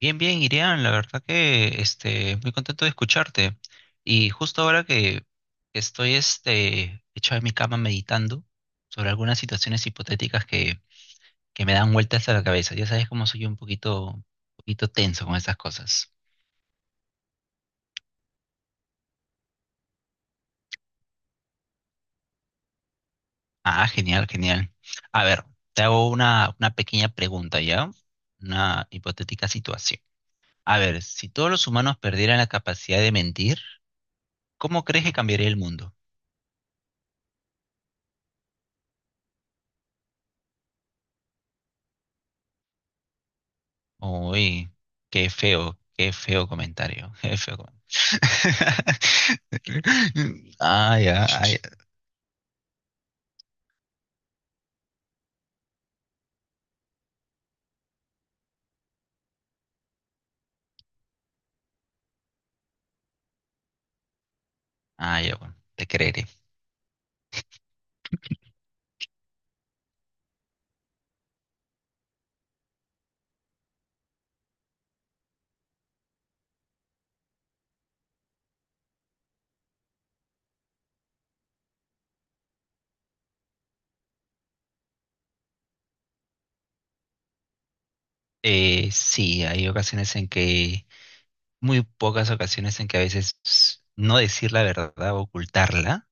Bien, bien, Irian, la verdad que muy contento de escucharte. Y justo ahora que estoy hecho en mi cama meditando sobre algunas situaciones hipotéticas que me dan vueltas a la cabeza. Ya sabes cómo soy un poquito, poquito tenso con esas cosas. Ah, genial, genial. A ver, te hago una pequeña pregunta, ¿ya? Una hipotética situación. A ver, si todos los humanos perdieran la capacidad de mentir, ¿cómo crees que cambiaría el mundo? Uy, qué feo comentario, qué feo comentario. Ah, ya, ah, ya. Ah, ya, bueno, te creeré. Sí, hay ocasiones en que, muy pocas ocasiones en que a veces no decir la verdad o ocultarla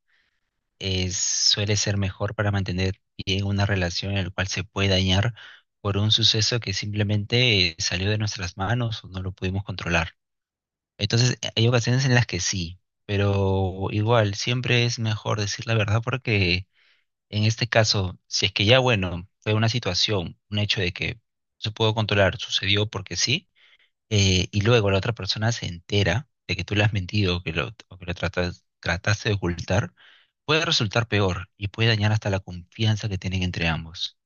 es, suele ser mejor para mantener bien una relación en la cual se puede dañar por un suceso que simplemente salió de nuestras manos o no lo pudimos controlar. Entonces, hay ocasiones en las que sí, pero igual, siempre es mejor decir la verdad porque en este caso, si es que ya, bueno, fue una situación, un hecho de que se pudo controlar, sucedió porque sí, y luego la otra persona se entera de que tú le has mentido o que lo trataste de ocultar, puede resultar peor y puede dañar hasta la confianza que tienen entre ambos.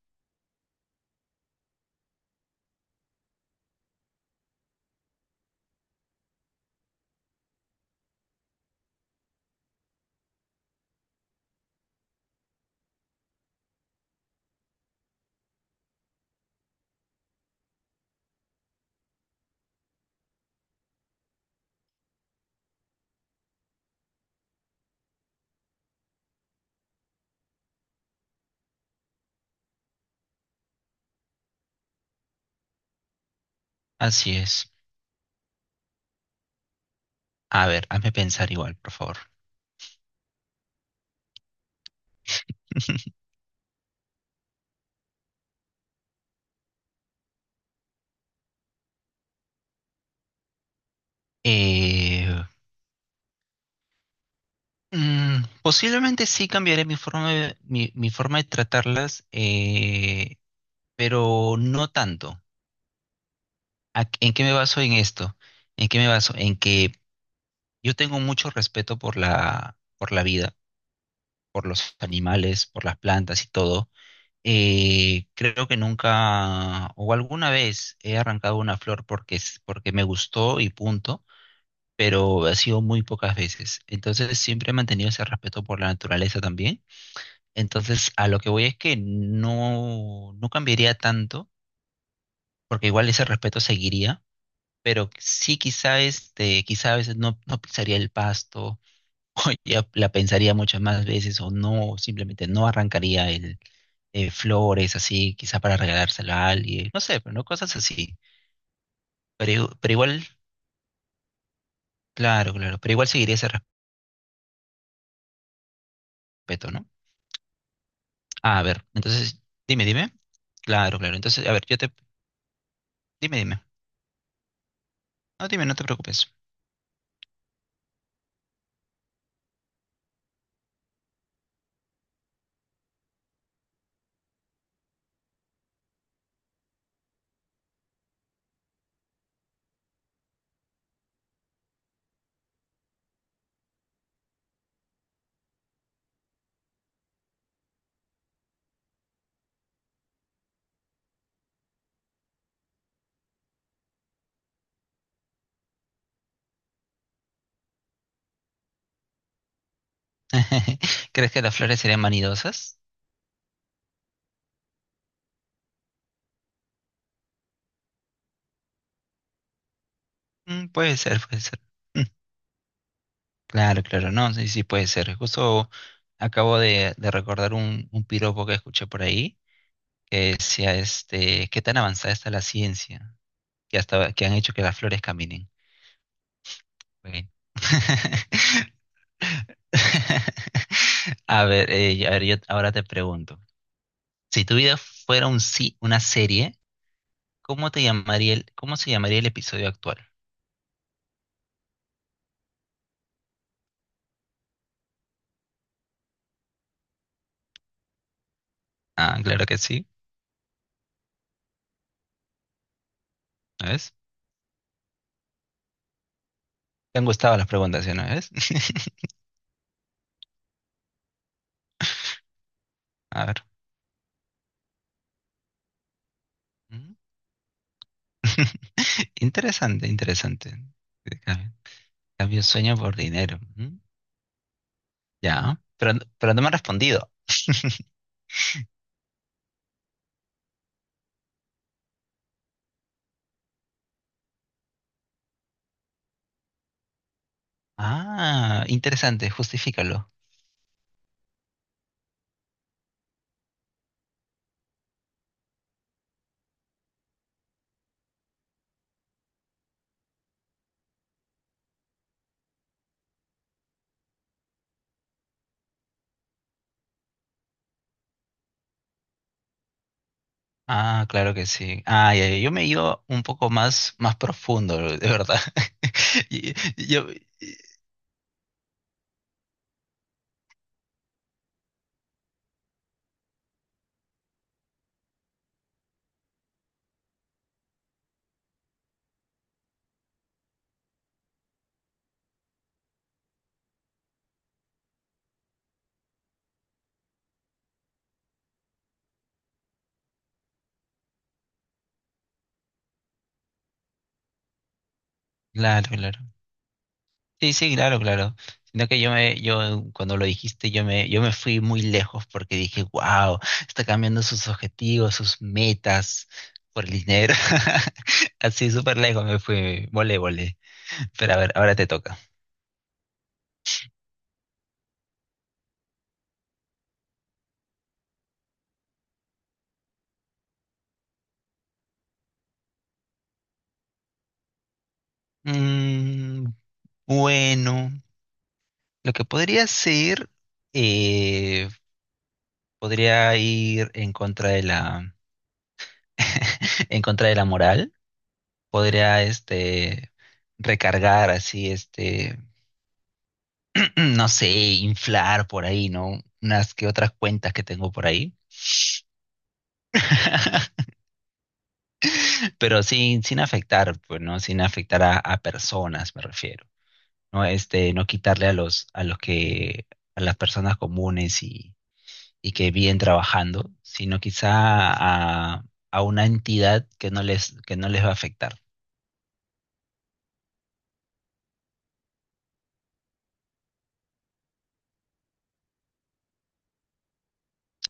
Así es. A ver, hazme pensar igual, por favor. Eh, Posiblemente sí cambiaré mi forma de, mi forma de tratarlas, pero no tanto. ¿En qué me baso en esto? ¿En qué me baso? En que yo tengo mucho respeto por por la vida, por los animales, por las plantas y todo. Creo que nunca o alguna vez he arrancado una flor porque, porque me gustó y punto, pero ha sido muy pocas veces. Entonces siempre he mantenido ese respeto por la naturaleza también. Entonces, a lo que voy es que no cambiaría tanto, porque igual ese respeto seguiría, pero sí quizá quizá a veces no pisaría el pasto, ya la pensaría muchas más veces, o no, simplemente no arrancaría el flores así, quizá para regalárselo a alguien, no sé, pero no cosas así. Pero, pero igual, claro, claro, pero igual seguiría ese respeto, ¿no? Ah, a ver, entonces, dime, dime. Claro, claro. Entonces, a ver, dime, dime. No, dime, no te preocupes. ¿Crees que las flores serían vanidosas? Puede ser, puede ser. Mm, Claro, claro, no, sí, sí, puede ser. Justo acabo de recordar un piropo que escuché por ahí que decía, qué tan avanzada está la ciencia, que hasta que han hecho que las flores caminen. Bueno. A ver, yo ahora te pregunto, si tu vida fuera una serie, cómo se llamaría el episodio actual? Ah, claro que sí. ¿no ¿Te han gustado las preguntas? ¿Sí? ¿No ves? A ver. Mm. Interesante, interesante. Cambio, cambio sueño por dinero. Mm. Ya, pero, no me han respondido. Ah, interesante, justifícalo. Ah, claro que sí. Ah, ya, ya, yo me iba un poco más, más profundo, de verdad. Y- Yo, claro, claro. Sí, sí, claro, claro. Sino que yo cuando lo dijiste, yo me fui muy lejos porque dije, wow, está cambiando sus objetivos, sus metas por el dinero. Así súper lejos me fui, volé, volé. Pero a ver, ahora te toca. Mm, bueno, lo que podría ser, eh, podría ir en contra de la moral. Podría, recargar así. No sé, inflar por ahí, ¿no? Unas que otras cuentas que tengo por ahí. Pero sin afectar, pues, ¿no? Sin afectar a personas, me refiero. No, no quitarle a los que, a las personas comunes y que viven trabajando, sino quizá a, a una entidad que no les va a afectar.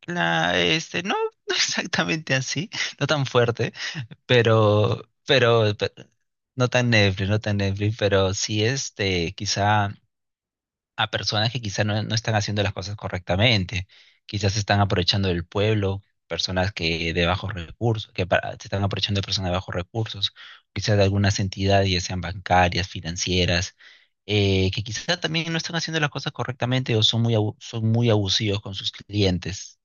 No, no exactamente así, no tan fuerte, pero, pero, pe- no tan Netflix, no tan Netflix, pero sí quizá a personas que quizá no están haciendo las cosas correctamente, quizás se están aprovechando del pueblo, personas que de bajos recursos, se están aprovechando de personas de bajos recursos, quizás de algunas entidades, ya sean bancarias, financieras, que quizá también no están haciendo las cosas correctamente o son muy abusivos con sus clientes.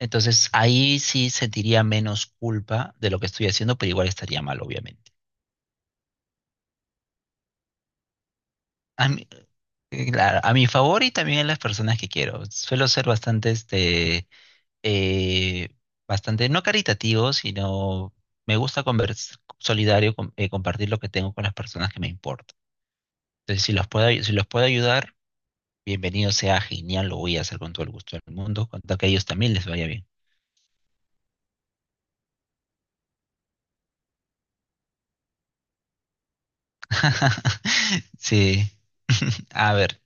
Entonces ahí sí sentiría menos culpa de lo que estoy haciendo, pero igual estaría mal, obviamente. A mi, claro, a mi favor y también a las personas que quiero. Suelo ser eh, bastante, no caritativo, sino solidario, compartir lo que tengo con las personas que me importan. Entonces, si los puedo, si los puedo ayudar, bienvenido sea, genial, lo voy a hacer con todo el gusto del mundo, con tal que a ellos también les vaya bien. Sí. A ver.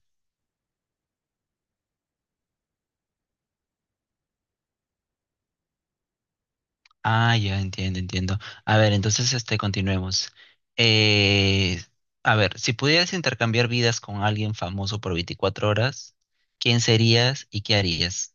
Ah, ya entiendo, entiendo. A ver, entonces continuemos. Eh, a ver, si pudieras intercambiar vidas con alguien famoso por 24 horas, ¿quién serías y qué harías?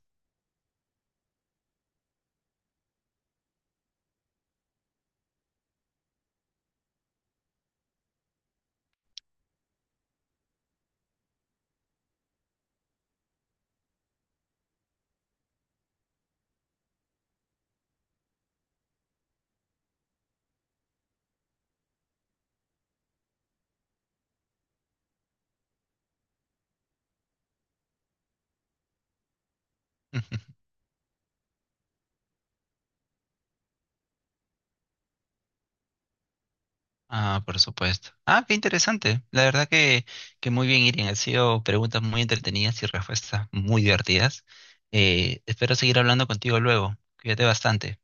Ah, por supuesto. Ah, qué interesante. La verdad que muy bien, Irene. Han sido preguntas muy entretenidas y respuestas muy divertidas. Espero seguir hablando contigo luego. Cuídate bastante.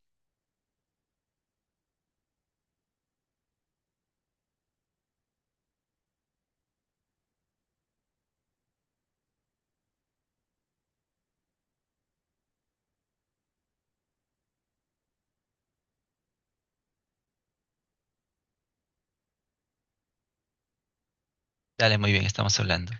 Dale, muy bien, estamos hablando.